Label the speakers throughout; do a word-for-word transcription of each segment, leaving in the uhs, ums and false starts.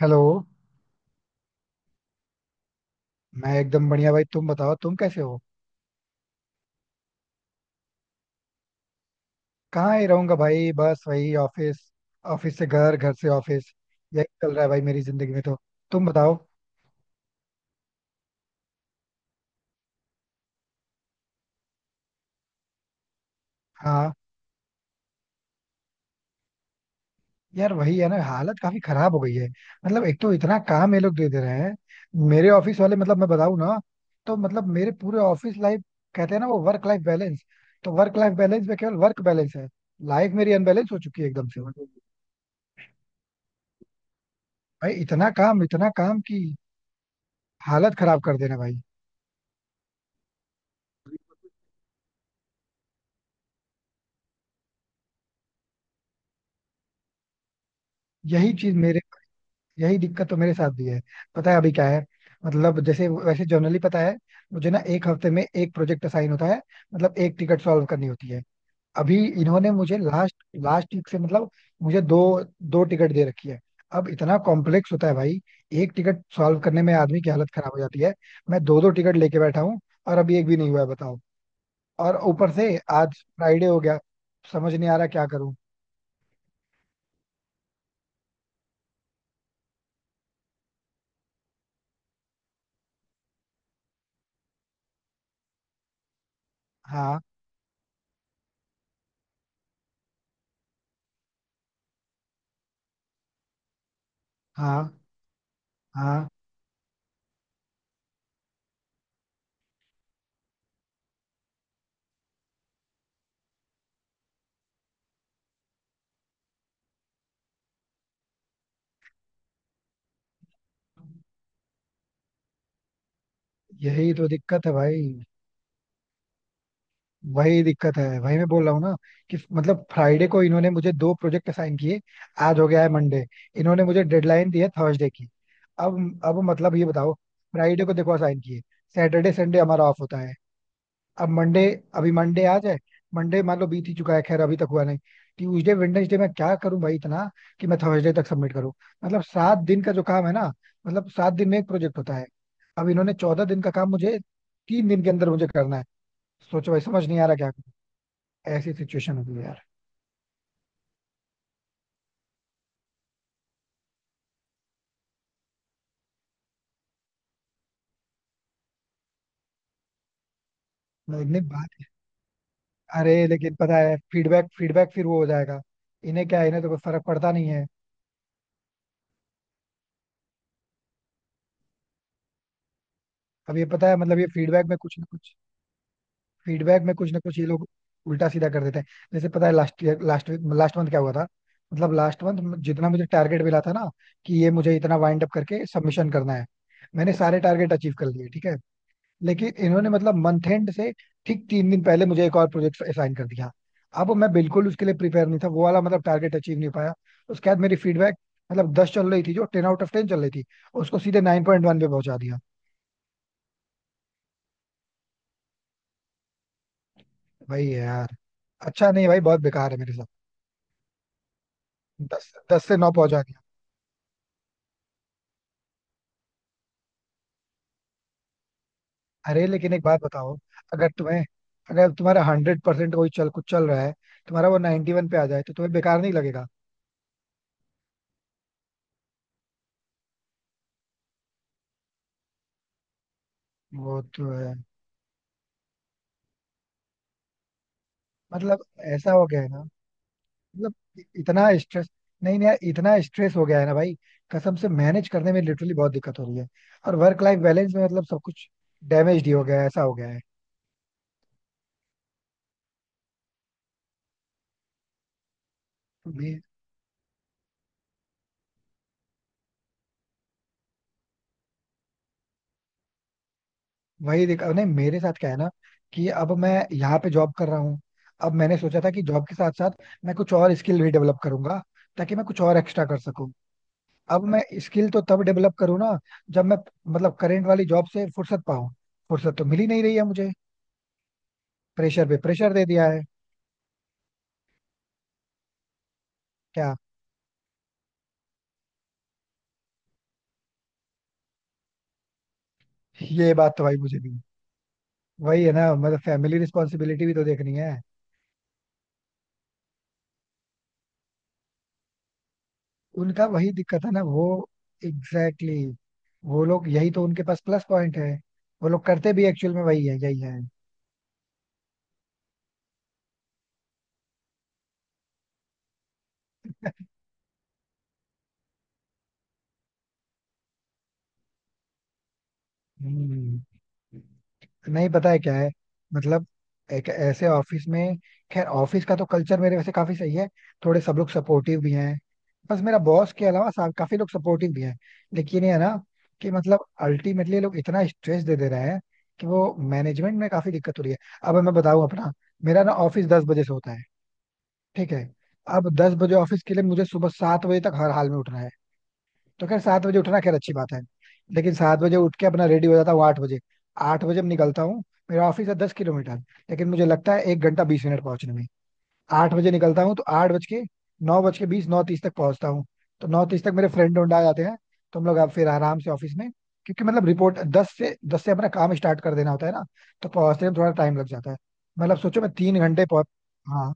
Speaker 1: Hello. मैं एकदम बढ़िया भाई। तुम बताओ, तुम कैसे हो? कहाँ ही रहूंगा भाई, बस वही ऑफिस। ऑफिस से घर, घर से ऑफिस। यही चल रहा है भाई मेरी जिंदगी में तो। तुम बताओ। हाँ। यार वही है ना, हालत काफी खराब हो गई है। मतलब एक तो इतना काम ये लोग दे दे रहे हैं मेरे ऑफिस वाले। मतलब मैं बताऊँ ना, तो मतलब मेरे पूरे ऑफिस लाइफ, कहते हैं ना वो वर्क लाइफ बैलेंस, तो वर्क लाइफ बैलेंस में केवल वर्क बैलेंस है। लाइफ मेरी अनबैलेंस हो चुकी है एकदम से भाई। इतना काम, इतना काम की हालत खराब कर देना भाई। यही चीज मेरे, यही दिक्कत तो मेरे साथ भी है। पता है अभी क्या है, मतलब जैसे वैसे जनरली पता है मुझे ना, एक हफ्ते में एक प्रोजेक्ट असाइन होता है। मतलब एक टिकट सॉल्व करनी होती है। अभी इन्होंने मुझे लास्ट लास्ट वीक से मतलब मुझे दो, दो टिकट दे रखी है। अब इतना कॉम्प्लेक्स होता है भाई, एक टिकट सॉल्व करने में आदमी की हालत खराब हो जाती है। मैं दो दो टिकट लेके बैठा हूँ और अभी एक भी नहीं हुआ है बताओ। और ऊपर से आज फ्राइडे हो गया। समझ नहीं आ रहा क्या करूँ। हाँ। हाँ। हाँ। यही तो दिक्कत है भाई। वही दिक्कत है, वही मैं बोल रहा हूँ ना, कि मतलब फ्राइडे को इन्होंने मुझे दो प्रोजेक्ट असाइन किए। आज हो गया है मंडे। इन्होंने मुझे डेडलाइन दी है थर्सडे की। अब अब मतलब ये बताओ, फ्राइडे को देखो असाइन किए। सैटरडे संडे हमारा ऑफ होता है। अब मंडे, अभी मंडे आज है। मंडे मान लो बीत ही चुका है, खैर अभी तक हुआ नहीं। ट्यूजडे वेडनेसडे, मैं क्या करूं भाई इतना, कि मैं थर्सडे तक सबमिट करूं। मतलब सात दिन का जो काम है ना, मतलब सात दिन में एक प्रोजेक्ट होता है, अब इन्होंने चौदह दिन का काम मुझे तीन दिन के अंदर मुझे करना है। सोचो भाई, समझ नहीं आ रहा क्या ऐसी सिचुएशन होगी यार। मतलब इतनी बात है। अरे लेकिन पता है, फीडबैक फीडबैक फिर वो हो जाएगा। इन्हें क्या है, इन्हें तो कोई फर्क पड़ता नहीं है। अब ये पता है, मतलब ये फीडबैक में कुछ ना कुछ, फीडबैक में कुछ ना कुछ ये लोग उल्टा सीधा कर देते हैं। जैसे पता है last year, last last month क्या हुआ था। मतलब लास्ट मंथ जितना मुझे टारगेट मिला था ना, कि ये मुझे इतना वाइंड अप करके सबमिशन करना है। मैंने सारे टारगेट अचीव कर लिए ठीक है। लेकिन इन्होंने मतलब मंथ एंड से ठीक तीन दिन पहले मुझे एक और प्रोजेक्ट असाइन कर दिया। अब मैं बिल्कुल उसके लिए प्रिपेयर नहीं था, वो वाला मतलब टारगेट अचीव नहीं पाया। उसके बाद मेरी फीडबैक, मतलब दस चल रही थी, जो टेन आउट ऑफ टेन चल रही थी, उसको सीधे नाइन पॉइंट वन पे पहुंचा दिया। भाई यार, अच्छा नहीं भाई, बहुत बेकार है मेरे साथ। दस दस से नौ पहुंचा दिया। अरे लेकिन एक बात बताओ, अगर तुम्हें, अगर तुम्हारा हंड्रेड परसेंट कोई चल, कुछ चल रहा है, तुम्हारा वो नाइन्टी वन पे आ जाए, तो तुम्हें बेकार नहीं लगेगा? वो तो है। मतलब ऐसा हो गया है ना, मतलब इ- इतना स्ट्रेस, नहीं नहीं यार इतना स्ट्रेस हो गया है ना भाई, कसम से मैनेज करने में लिटरली बहुत दिक्कत हो रही है। और वर्क लाइफ बैलेंस में मतलब सब कुछ डैमेज ही हो गया है, ऐसा हो गया है। मैं, वही दिक्कत नहीं मेरे साथ क्या है ना, कि अब मैं यहाँ पे जॉब कर रहा हूँ। अब मैंने सोचा था कि जॉब के साथ साथ मैं कुछ और स्किल भी डेवलप करूंगा, ताकि मैं कुछ और एक्स्ट्रा कर सकूं। अब मैं स्किल तो तब डेवलप करूँ ना, जब मैं मतलब करेंट वाली जॉब से फुर्सत पाऊं। फुर्सत तो मिल ही नहीं रही है मुझे, प्रेशर पे प्रेशर दे दिया है। क्या? ये बात तो भाई मुझे भी, वही है ना, मतलब फैमिली रिस्पॉन्सिबिलिटी भी तो देखनी है। उनका वही दिक्कत है ना वो। एग्जैक्टली exactly, वो लोग यही तो उनके पास प्लस पॉइंट है। वो लोग करते भी एक्चुअल में वही है, यही है। हम्म। नहीं, पता है क्या है, मतलब एक ऐसे ऑफिस में, खैर ऑफिस का तो कल्चर मेरे वैसे काफी सही है। थोड़े सब लोग सपोर्टिव भी हैं, बस मेरा बॉस के अलावा सा- काफी लोग सपोर्टिव भी हैं। लेकिन ये है ना, कि मतलब अल्टीमेटली लोग इतना स्ट्रेस दे दे रहे हैं कि वो मैनेजमेंट में काफी दिक्कत हो रही है। अब मैं बताऊं अपना, मेरा ना ऑफिस दस बजे से होता है, ठीक है। अब दस बजे ऑफिस के लिए मुझे सुबह सात बजे तक हर हाल में उठना है। तो खैर सात बजे उठना खैर अच्छी बात है। लेकिन सात बजे उठ के अपना रेडी हो जाता हूँ आठ बजे, आठ बजे मैं निकलता हूँ। मेरा ऑफिस है दस किलोमीटर, लेकिन मुझे लगता है एक घंटा बीस मिनट पहुंचने में। आठ बजे निकलता हूँ तो आठ बज के, नौ बज के बीस, नौ तीस तक पहुंचता हूँ। तो नौ तीस तक मेरे फ्रेंड उन्ड आ जाते हैं, तो हम लोग अब फिर आराम से ऑफिस में, क्योंकि मतलब रिपोर्ट दस से दस से अपना काम स्टार्ट कर देना होता है ना। तो पहुंचते में थोड़ा टाइम लग जाता है। मतलब सोचो मैं तीन घंटे पहुंच। हाँ।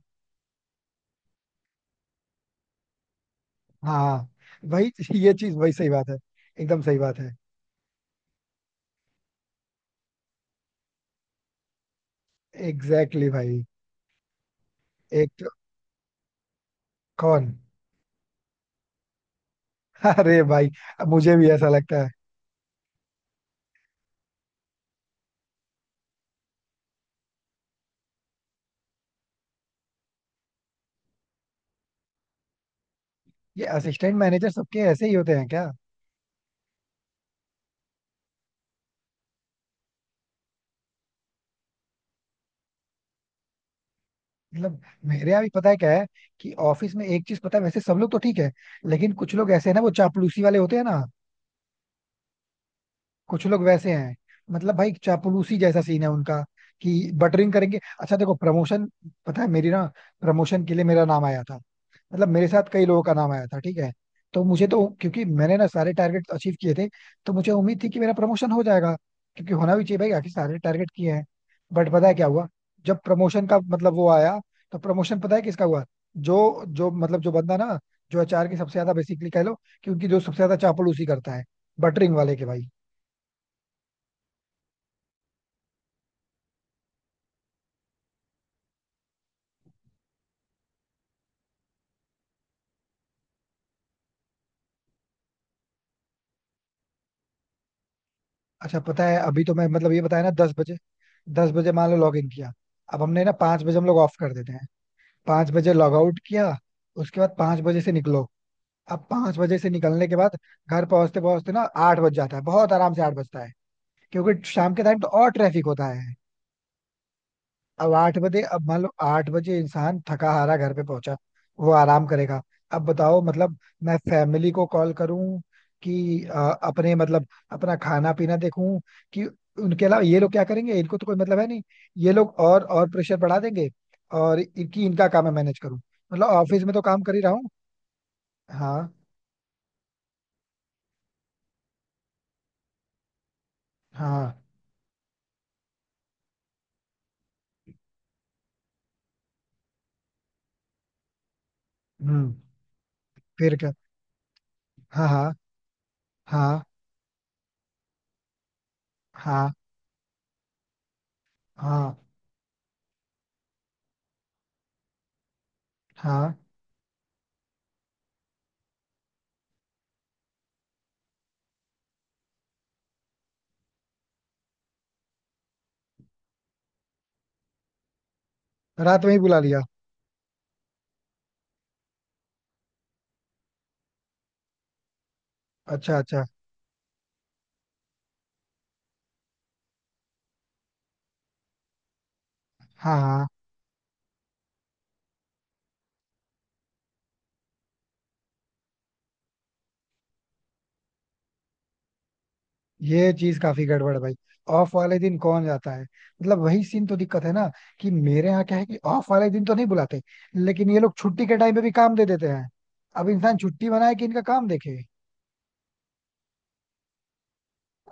Speaker 1: हाँ। हाँ। वही, ये चीज वही सही बात है, एकदम सही बात है। एग्जैक्टली exactly भाई। एक तो, कौन? अरे भाई, अब मुझे भी ऐसा लगता है। ये असिस्टेंट मैनेजर सबके ऐसे ही होते हैं क्या? मतलब मेरे यहाँ भी पता है क्या है, कि ऑफिस में एक चीज पता है, वैसे सब लोग तो ठीक है, लेकिन कुछ लोग ऐसे हैं ना, वो चापलूसी वाले होते हैं ना। कुछ लोग वैसे हैं, मतलब भाई चापलूसी जैसा सीन है उनका, कि बटरिंग करेंगे। अच्छा देखो प्रमोशन, पता है मेरी ना प्रमोशन के लिए मेरा नाम आया था, मतलब मेरे साथ कई लोगों का नाम आया था ठीक है। तो मुझे तो, क्योंकि मैंने ना सारे टारगेट अचीव किए थे, तो मुझे उम्मीद थी कि मेरा प्रमोशन हो जाएगा। क्योंकि होना भी चाहिए भाई, आखिर सारे टारगेट किए हैं। बट पता है क्या हुआ, जब प्रमोशन का मतलब वो आया, तो प्रमोशन पता है किसका हुआ, जो जो मतलब जो बंदा ना, जो अचार की सबसे ज्यादा बेसिकली कह लो, कि उनकी जो सबसे ज्यादा चापल उसी करता है, बटरिंग वाले के भाई। अच्छा पता है अभी तो मैं मतलब ये बताया ना, दस बजे, दस बजे मान लो लॉग इन किया। अब हमने ना पांच बजे हम लोग ऑफ कर देते हैं, पांच बजे लॉग आउट किया। उसके बाद पांच बजे से निकलो, अब पांच बजे से निकलने के बाद घर पहुंचते पहुंचते ना आठ बज जाता है, बहुत आराम से आठ बजता है, क्योंकि शाम के टाइम तो और ट्रैफिक होता है। अब आठ बजे, अब मान लो आठ बजे इंसान थका हारा घर पे पहुंचा, वो आराम करेगा। अब बताओ, मतलब मैं फैमिली को कॉल करूं, कि अ, अपने मतलब अपना खाना पीना देखूं, कि उनके अलावा ये लोग क्या करेंगे, इनको तो कोई मतलब है नहीं। ये लोग और और प्रेशर बढ़ा देंगे, और इनकी इनका काम है मैनेज करूं, मतलब ऑफिस में तो काम कर ही रहा हूँ। हाँ। हाँ। हम्म। फिर क्या? हाँ। हाँ। हाँ। हाँ। हाँ। हाँ। रात में ही बुला लिया? अच्छा अच्छा। हाँ। हाँ। ये चीज काफी गड़बड़ है भाई। ऑफ वाले दिन कौन जाता है? मतलब वही सीन तो दिक्कत है ना, कि मेरे यहाँ क्या है, कि ऑफ वाले दिन तो नहीं बुलाते, लेकिन ये लोग छुट्टी के टाइम पे भी काम दे देते हैं। अब इंसान छुट्टी बनाए कि इनका काम देखे।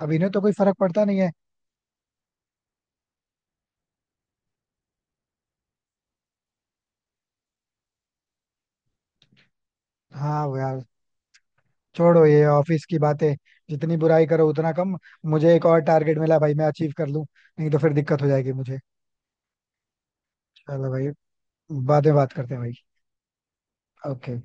Speaker 1: अब इन्हें तो कोई फर्क पड़ता नहीं है। हाँ वो यार, छोड़ो ये ऑफिस की बातें, जितनी बुराई करो उतना कम। मुझे एक और टारगेट मिला भाई, मैं अचीव कर लूं, नहीं तो फिर दिक्कत हो जाएगी मुझे। चलो भाई, बाद में बात करते हैं भाई। ओके।